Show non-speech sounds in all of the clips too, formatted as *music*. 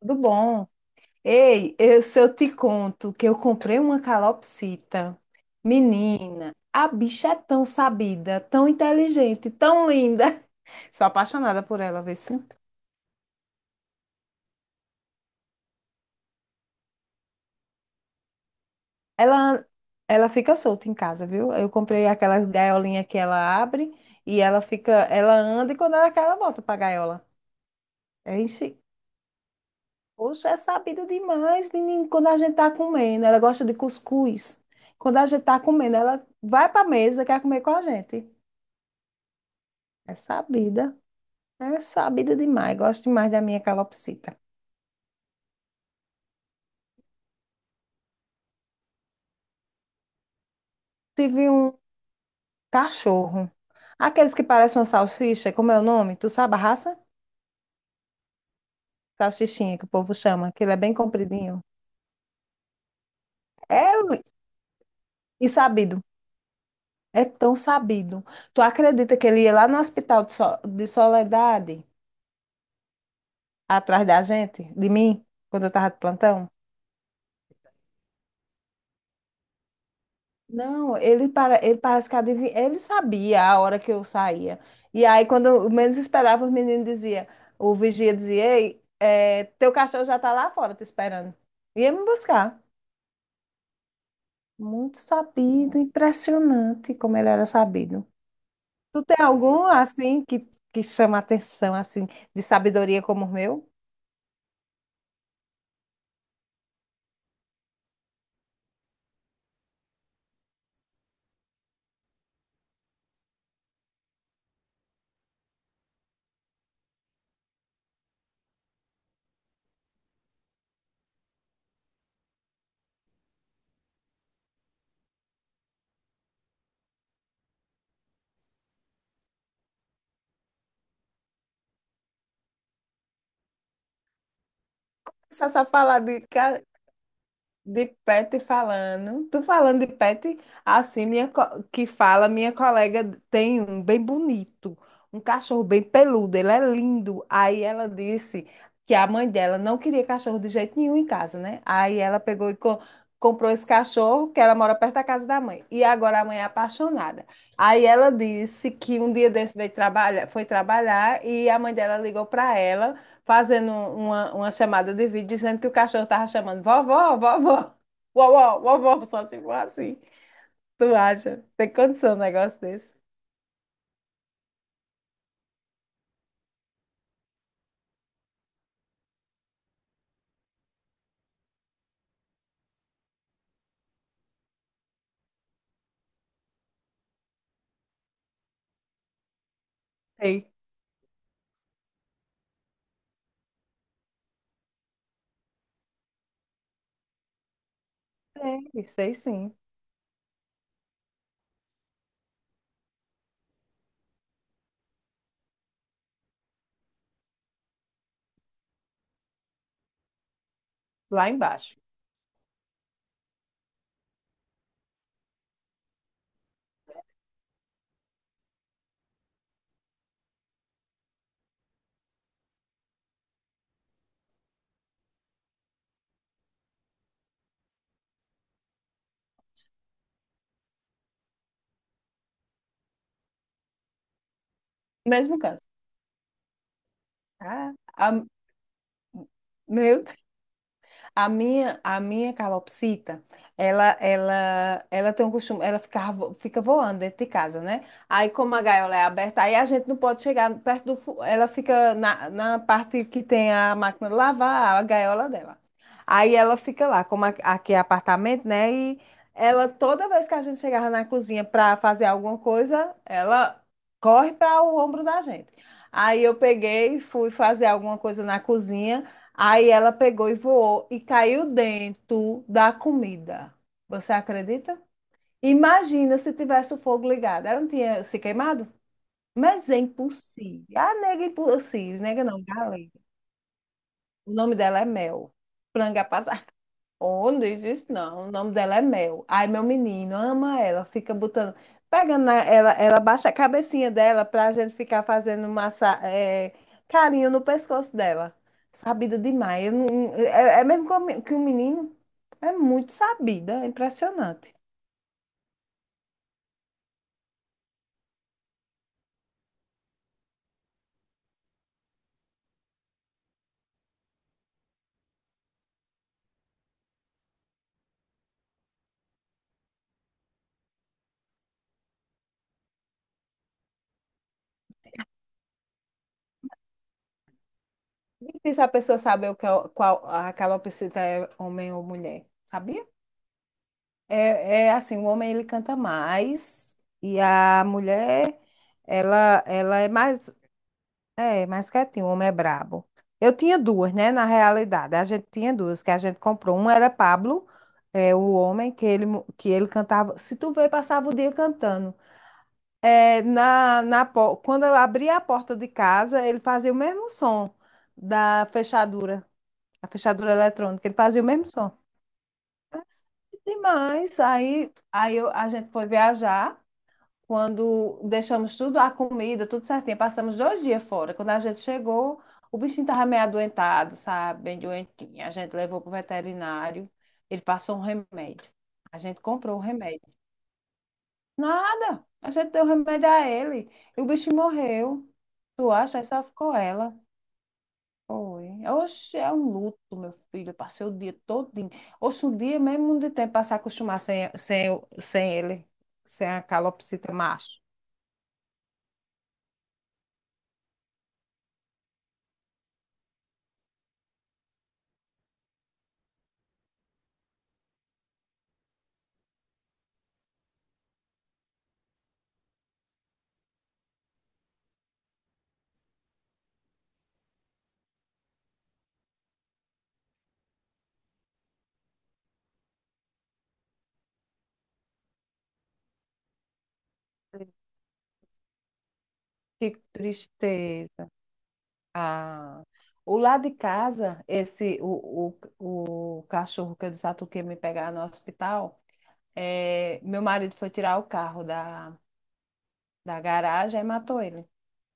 Tudo bom? Ei, se eu te conto que eu comprei uma calopsita, menina? A bicha é tão sabida, tão inteligente, tão linda. *laughs* Sou apaixonada por ela, vê se. Ela, ela fica solta em casa, viu? Eu comprei aquelas gaiolinhas que ela abre e ela fica, ela anda e quando ela quer, ela volta pra gaiola. Enche. Poxa, é sabida demais, menino. Quando a gente tá comendo, ela gosta de cuscuz. Quando a gente tá comendo, ela vai pra mesa, quer comer com a gente. É sabida. É sabida demais. Gosto demais da minha calopsita. Tive um cachorro. Aqueles que parecem uma salsicha, como é o nome? Tu sabe a raça? Salsichinha, que o povo chama, que ele é bem compridinho. É, Luiz, e sabido. É tão sabido. Tu acredita que ele ia lá no hospital de Soledade, atrás da gente, de mim, quando eu tava de plantão? Não, ele, para, ele parece que adivinha, ele sabia a hora que eu saía. E aí, quando eu menos esperava, os meninos diziam, o vigia dizia: Ei, é, teu cachorro já tá lá fora te esperando. Ia me buscar. Muito sabido, impressionante como ele era sabido. Tu tem algum, assim, que chama atenção, assim, de sabedoria como o meu? Só sabe falar de, ca- De pet falando. Tu falando de pet, assim, que fala, minha colega tem um bem bonito, um cachorro bem peludo, ele é lindo. Aí ela disse que a mãe dela não queria cachorro de jeito nenhum em casa, né? Aí ela pegou e comprou esse cachorro, que ela mora perto da casa da mãe. E agora a mãe é apaixonada. Aí ela disse que um dia desse veio trabalhar, foi trabalhar e a mãe dela ligou para ela fazendo uma chamada de vídeo dizendo que o cachorro tava chamando vovó, vovó, vovó, vovó, só se for assim. Tu acha? Tem condição um negócio desse? Sei. Sei, sei sim. Lá embaixo. Mesmo canto. Ah, a- meu A minha calopsita, ela tem um costume, ela fica, fica voando dentro de casa, né? Aí, como a gaiola é aberta, aí a gente não pode chegar perto do. Ela fica na parte que tem a máquina de lavar, a gaiola dela. Aí ela fica lá, aqui é apartamento, né? E ela, toda vez que a gente chegava na cozinha para fazer alguma coisa, ela corre para o ombro da gente. Aí eu peguei e fui fazer alguma coisa na cozinha. Aí ela pegou e voou e caiu dentro da comida. Você acredita? Imagina se tivesse o fogo ligado. Ela não tinha se queimado? Mas é impossível. A nega é impossível. Nega não, galega. O nome dela é Mel. Franga. Oh, não diz isso não. O nome dela é Mel. Ai, meu menino ama ela, fica botando. Ela, ela baixa a cabecinha dela pra gente ficar fazendo massa, é, carinho no pescoço dela. Sabida demais. Eu não- é, é mesmo que que o menino é muito sabida, é impressionante. Difícil a pessoa saber o que é, qual a calopsita é homem ou mulher, sabia? É, é assim, o homem ele canta mais e a mulher ela, ela é mais. É, mais quietinho, o homem é brabo. Eu tinha duas, né? Na realidade, a gente tinha duas que a gente comprou. Um era Pablo, é, o homem, que ele, que ele cantava. Se tu vê, passava o dia cantando. É, quando eu abria a porta de casa, ele fazia o mesmo som da fechadura, a fechadura eletrônica. Ele fazia o mesmo som. Demais. A gente foi viajar. Quando deixamos tudo, a comida, tudo certinho, passamos 2 dias fora. Quando a gente chegou, o bichinho estava meio adoentado, sabe? Bem doentinho. A gente levou para o veterinário, ele passou um remédio. A gente comprou o remédio. Nada! A gente deu remédio a ele. E o bicho morreu. Tu acha? Aí só ficou ela. Foi. Oxe, é um luto, meu filho. Eu passei o dia todinho. Oxe, um dia mesmo de tempo para se acostumar sem ele, sem a calopsita macho. Que tristeza. Ah, o lado de casa, esse o cachorro que eu disse a tu que ia me pegar no hospital, é, meu marido foi tirar o carro da garagem e matou ele,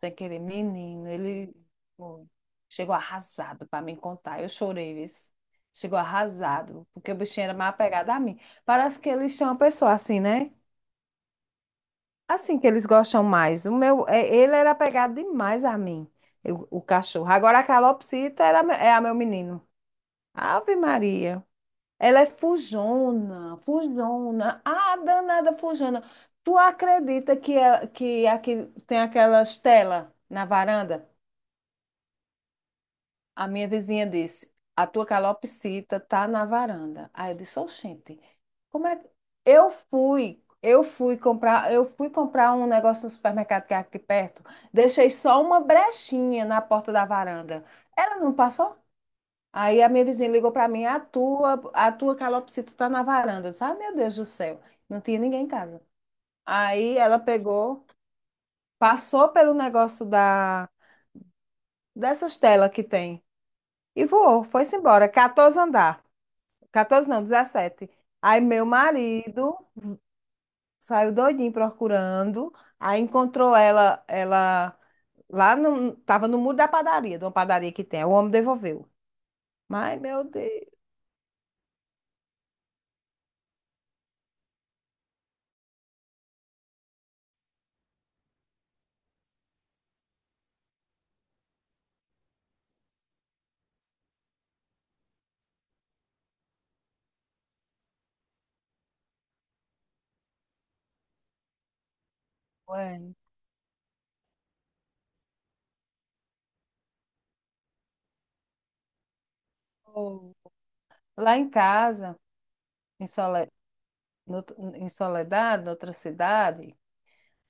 sem querer. Menino, ele foi. Chegou arrasado para me contar. Eu chorei, viu? Chegou arrasado, porque o bichinho era mais apegado a mim. Parece que eles são uma pessoa assim, né? Assim que eles gostam mais. O meu, é, ele era apegado demais a mim, o cachorro. Agora a calopsita era, é a meu menino. Ave Maria. Ela é fujona, fujona. Ah, danada fujona. Tu acredita que aqui tem aquelas telas na varanda? A minha vizinha disse: A tua calopsita tá na varanda. Aí eu disse: Oxente, como é que. Eu fui comprar um negócio no supermercado que é aqui perto. Deixei só uma brechinha na porta da varanda. Ela não passou? Aí a minha vizinha ligou para mim: A tua calopsita tá na varanda. Eu disse: Ah, meu Deus do céu. Não tinha ninguém em casa. Aí ela pegou, passou pelo negócio dessas telas que tem e voou, foi-se embora, 14 andar. 14 não, 17. Aí meu marido saiu doidinho procurando, aí encontrou ela, ela lá no, tava no muro da padaria, de uma padaria que tem. O homem devolveu. Mas, meu Deus, ué, pô. Lá em casa, em Sole- no- em Soledade, noutra cidade.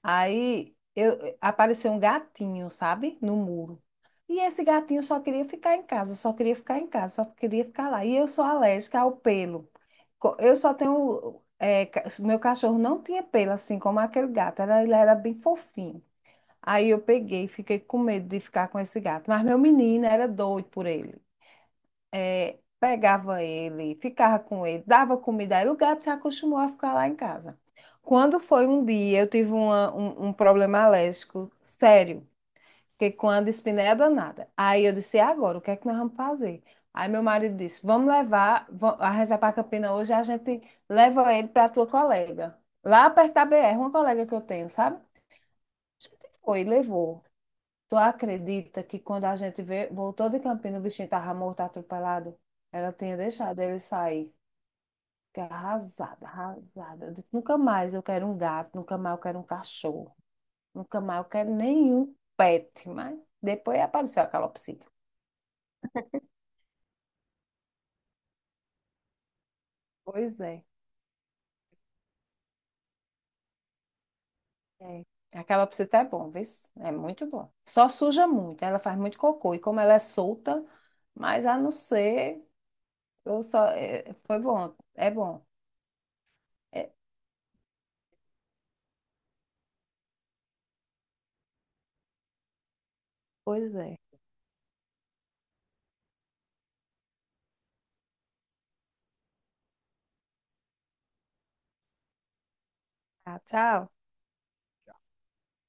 Aí eu, apareceu um gatinho, sabe? No muro. E esse gatinho só queria ficar em casa, só queria ficar em casa, só queria ficar lá. E eu sou alérgica ao pelo. Eu só tenho. Meu cachorro não tinha pelo, assim como aquele gato. Era, ele era bem fofinho. Aí eu peguei, fiquei com medo de ficar com esse gato. Mas meu menino era doido por ele, é, pegava ele, ficava com ele, dava comida a ele, o gato se acostumou a ficar lá em casa. Quando foi um dia, eu tive um problema alérgico sério, porque com a dispneia danada. Aí eu disse, "E agora, o que é que nós vamos fazer? Aí meu marido disse, vamos levar, a gente vai para Campina hoje, a gente leva ele para tua colega. Lá perto da BR, uma colega que eu tenho, sabe? A gente foi, levou. Tu acredita que quando a gente vê, voltou de Campinas, o bichinho tava morto, atropelado? Ela tinha deixado ele sair. Fiquei arrasada, arrasada. Eu disse, nunca mais eu quero um gato, nunca mais eu quero um cachorro, nunca mais eu quero nenhum pet. Mas depois apareceu a calopsita. Pois é. É. A calopsita é bom, viu? É muito bom. Só suja muito, ela faz muito cocô. E como ela é solta, mas a não ser, eu só, é, foi bom. É, pois é. Tá, tchau.